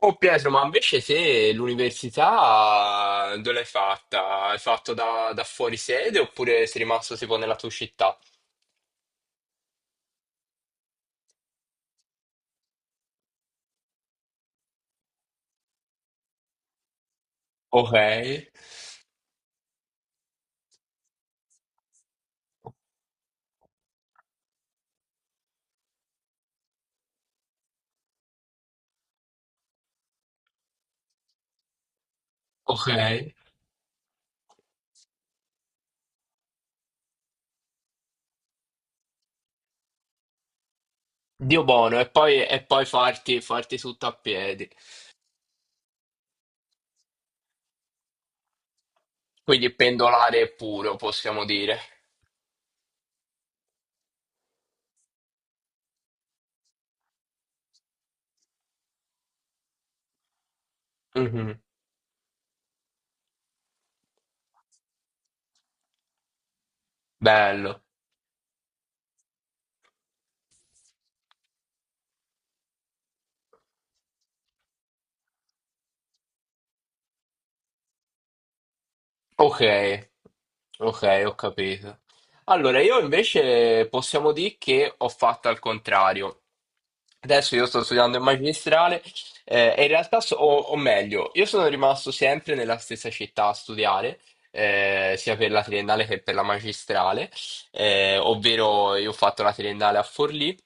Oh Pietro, ma invece se l'università, dove l'hai fatta? Hai fatto da fuori sede oppure sei rimasto tipo nella tua città? Ok, ok. Dio buono, e poi farti tutto a piedi. Quindi pendolare puro, possiamo dire. Mhm. Bello. Ok, ok, ho capito. Allora, io invece possiamo dire che ho fatto al contrario. Adesso io sto studiando il magistrale, e in realtà, o meglio, io sono rimasto sempre nella stessa città a studiare, sia per la triennale che per la magistrale, ovvero io ho fatto la triennale a Forlì.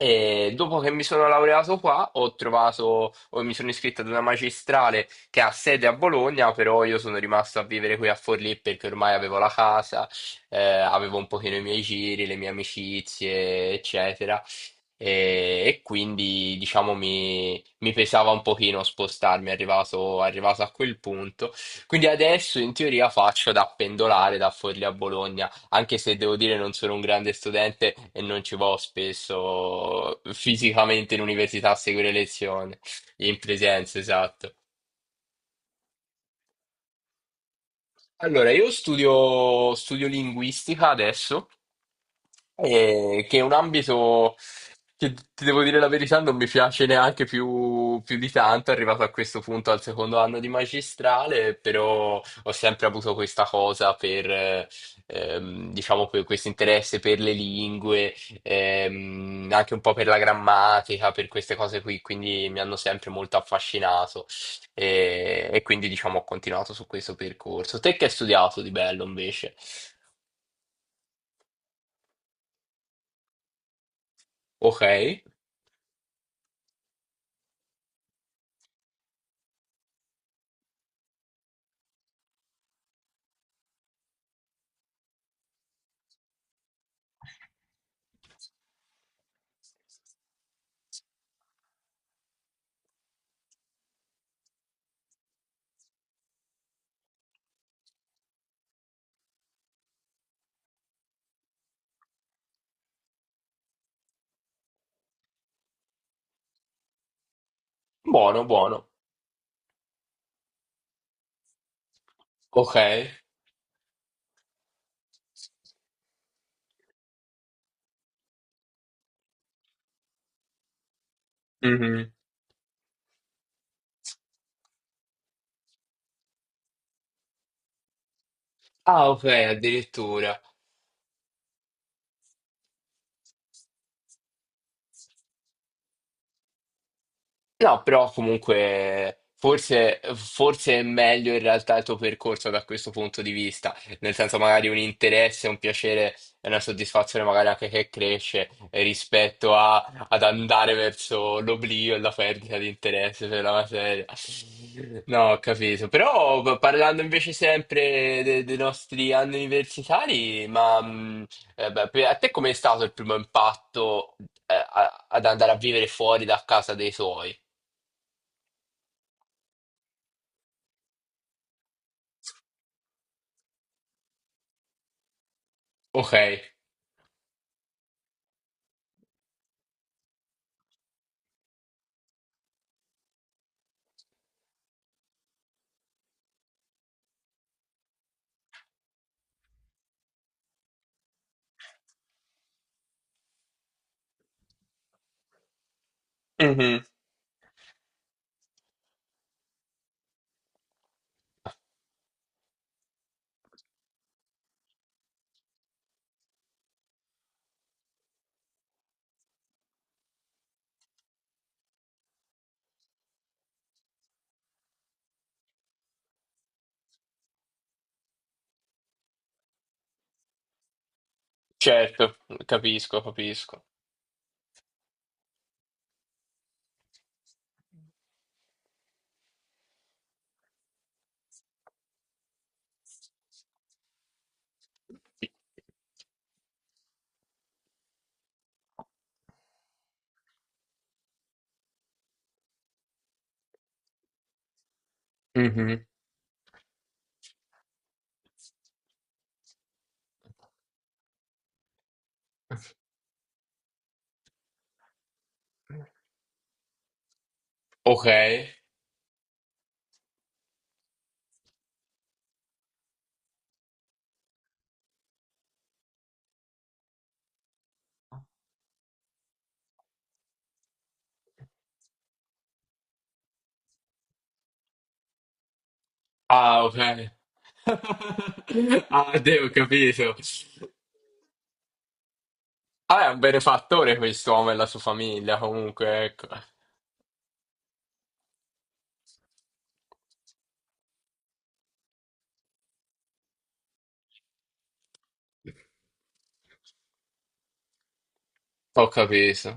E dopo che mi sono laureato qua, o mi sono iscritto ad una magistrale che ha sede a Bologna, però io sono rimasto a vivere qui a Forlì perché ormai avevo la casa, avevo un pochino i miei giri, le mie amicizie, eccetera. E quindi, diciamo, mi pesava un pochino spostarmi, arrivato a quel punto. Quindi adesso in teoria faccio da pendolare da Forlì a Bologna, anche se devo dire non sono un grande studente e non ci vado spesso fisicamente in università a seguire lezioni, in presenza, esatto. Allora, studio linguistica adesso, che è un ambito che ti devo dire la verità non mi piace neanche più, più di tanto, arrivato a questo punto al secondo anno di magistrale, però ho sempre avuto questa cosa per, diciamo, per questo interesse per le lingue, anche un po' per la grammatica, per queste cose qui, quindi mi hanno sempre molto affascinato. E quindi diciamo ho continuato su questo percorso. Te che hai studiato di bello invece? Ok, buono, buono. Ok. Mhm. Ah, ok, addirittura. No, però comunque forse è meglio in realtà il tuo percorso da questo punto di vista, nel senso magari un interesse, un piacere e una soddisfazione magari anche che cresce, rispetto ad andare verso l'oblio e la perdita di interesse per la materia. No, ho capito. Però parlando invece sempre dei nostri anni universitari, beh, a te com'è stato il primo impatto, ad andare a vivere fuori da casa dei tuoi? Ok, mhm. Certo, capisco, capisco. Mhm. Ok, ah, ok. Ah, ho capito. Ah, è un benefattore quest'uomo e la sua famiglia, comunque, ecco. Ho capito.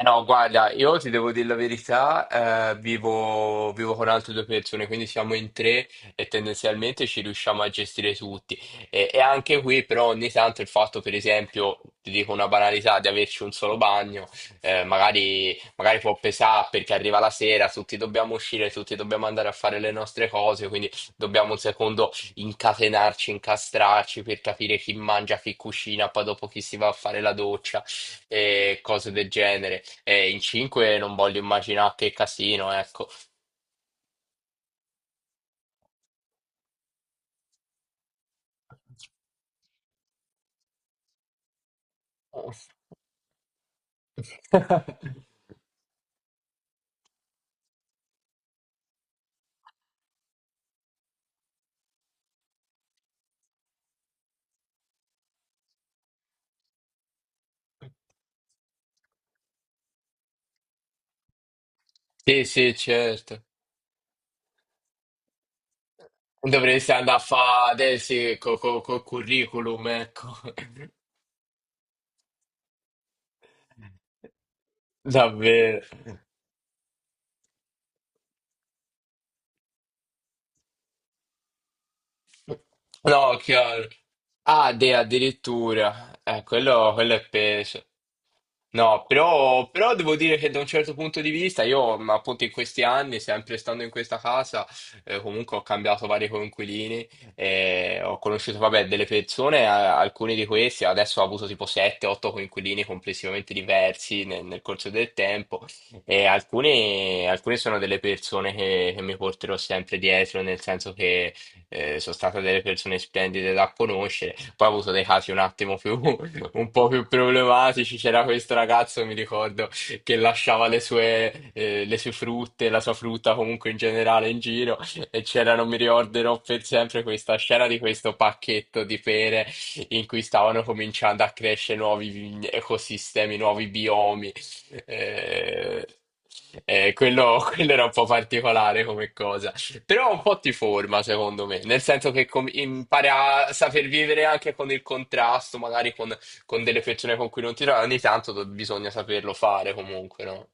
No, guarda, io ti devo dire la verità, vivo con altre due persone, quindi siamo in tre e tendenzialmente ci riusciamo a gestire tutti. E anche qui, però, ogni tanto il fatto, per esempio, ti dico una banalità, di averci un solo bagno, magari può pesare perché arriva la sera, tutti dobbiamo uscire, tutti dobbiamo andare a fare le nostre cose, quindi dobbiamo un secondo incastrarci per capire chi mangia, chi cucina, poi dopo chi si va a fare la doccia e cose del genere. E in 5 non voglio immaginare che casino, ecco. Sì, sì, certo. Dovresti andare a fare adesso col curriculum, ecco. Davvero. No, chiaro. Ah, addirittura. Quello, quello è peso. No, però devo dire che da un certo punto di vista, io appunto in questi anni, sempre stando in questa casa, comunque ho cambiato vari coinquilini, e ho conosciuto, vabbè, delle persone, alcuni di questi, adesso ho avuto tipo 7-8 coinquilini complessivamente diversi nel corso del tempo, e alcuni sono delle persone che mi porterò sempre dietro, nel senso, sono state delle persone splendide da conoscere. Poi ho avuto dei casi un attimo più, un po' più problematici. C'era questo ragazzo, mi ricordo, che lasciava le sue frutte, la sua frutta comunque in generale in giro. E c'era, non mi ricorderò per sempre, questa scena di questo pacchetto di pere in cui stavano cominciando a crescere ecosistemi, nuovi biomi. Eh, quello, quello era un po' particolare come cosa. Però un po' ti forma, secondo me, nel senso che impari a saper vivere anche con il contrasto, magari con delle persone con cui non ti trovi, ogni tanto bisogna saperlo fare comunque, no?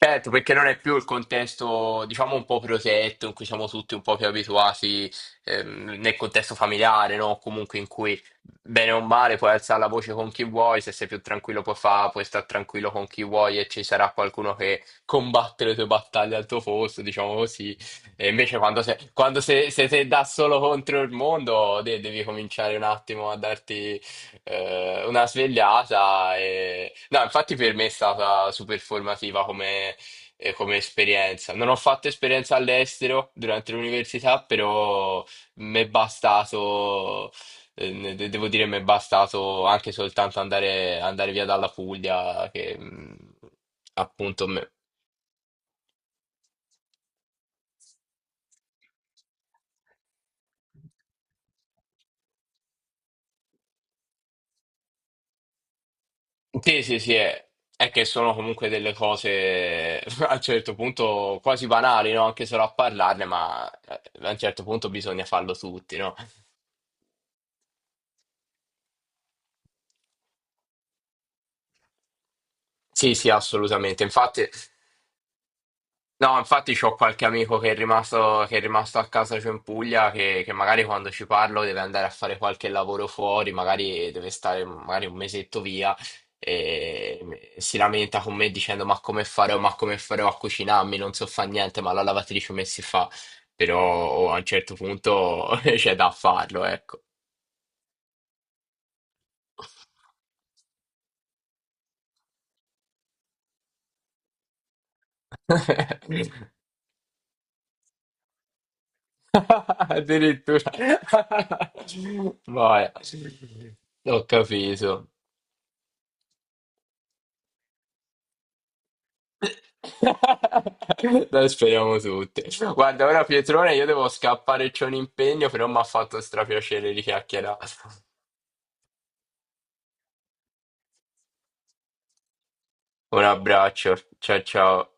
Certo, perché non è più il contesto, diciamo, un po' protetto, in cui siamo tutti un po' più abituati, nel contesto familiare, no? Comunque in cui, bene o male, puoi alzare la voce con chi vuoi, se sei più tranquillo puoi stare tranquillo con chi vuoi e ci sarà qualcuno che combatte le tue battaglie al tuo posto, diciamo così. E invece quando sei, quando se, se sei te da solo contro il mondo, devi cominciare un attimo a darti una svegliata. E... No, infatti per me è stata super formativa come, come esperienza. Non ho fatto esperienza all'estero durante l'università, però mi è bastato, devo dire, mi è bastato anche soltanto andare via dalla Puglia, che appunto. Sì, sì, sì, è che sono comunque delle cose a un certo punto quasi banali, no? Anche solo a parlarne, ma a un certo punto bisogna farlo tutti, no? Sì, sì, assolutamente. Infatti. No, infatti c'ho qualche amico che è rimasto a casa giù in Puglia che magari quando ci parlo deve andare a fare qualche lavoro fuori, magari deve stare magari un mesetto via e si lamenta con me dicendo ma come farò a cucinarmi, non so fare niente, ma la lavatrice come si fa? Però oh, a un certo punto c'è da farlo, ecco. Addirittura. Vai, ho capito. Dai, speriamo tutti. Guarda, ora Pietrone, io devo scappare, c'ho un impegno, però mi ha fatto strapiacere di chiacchierare. Un abbraccio, ciao ciao.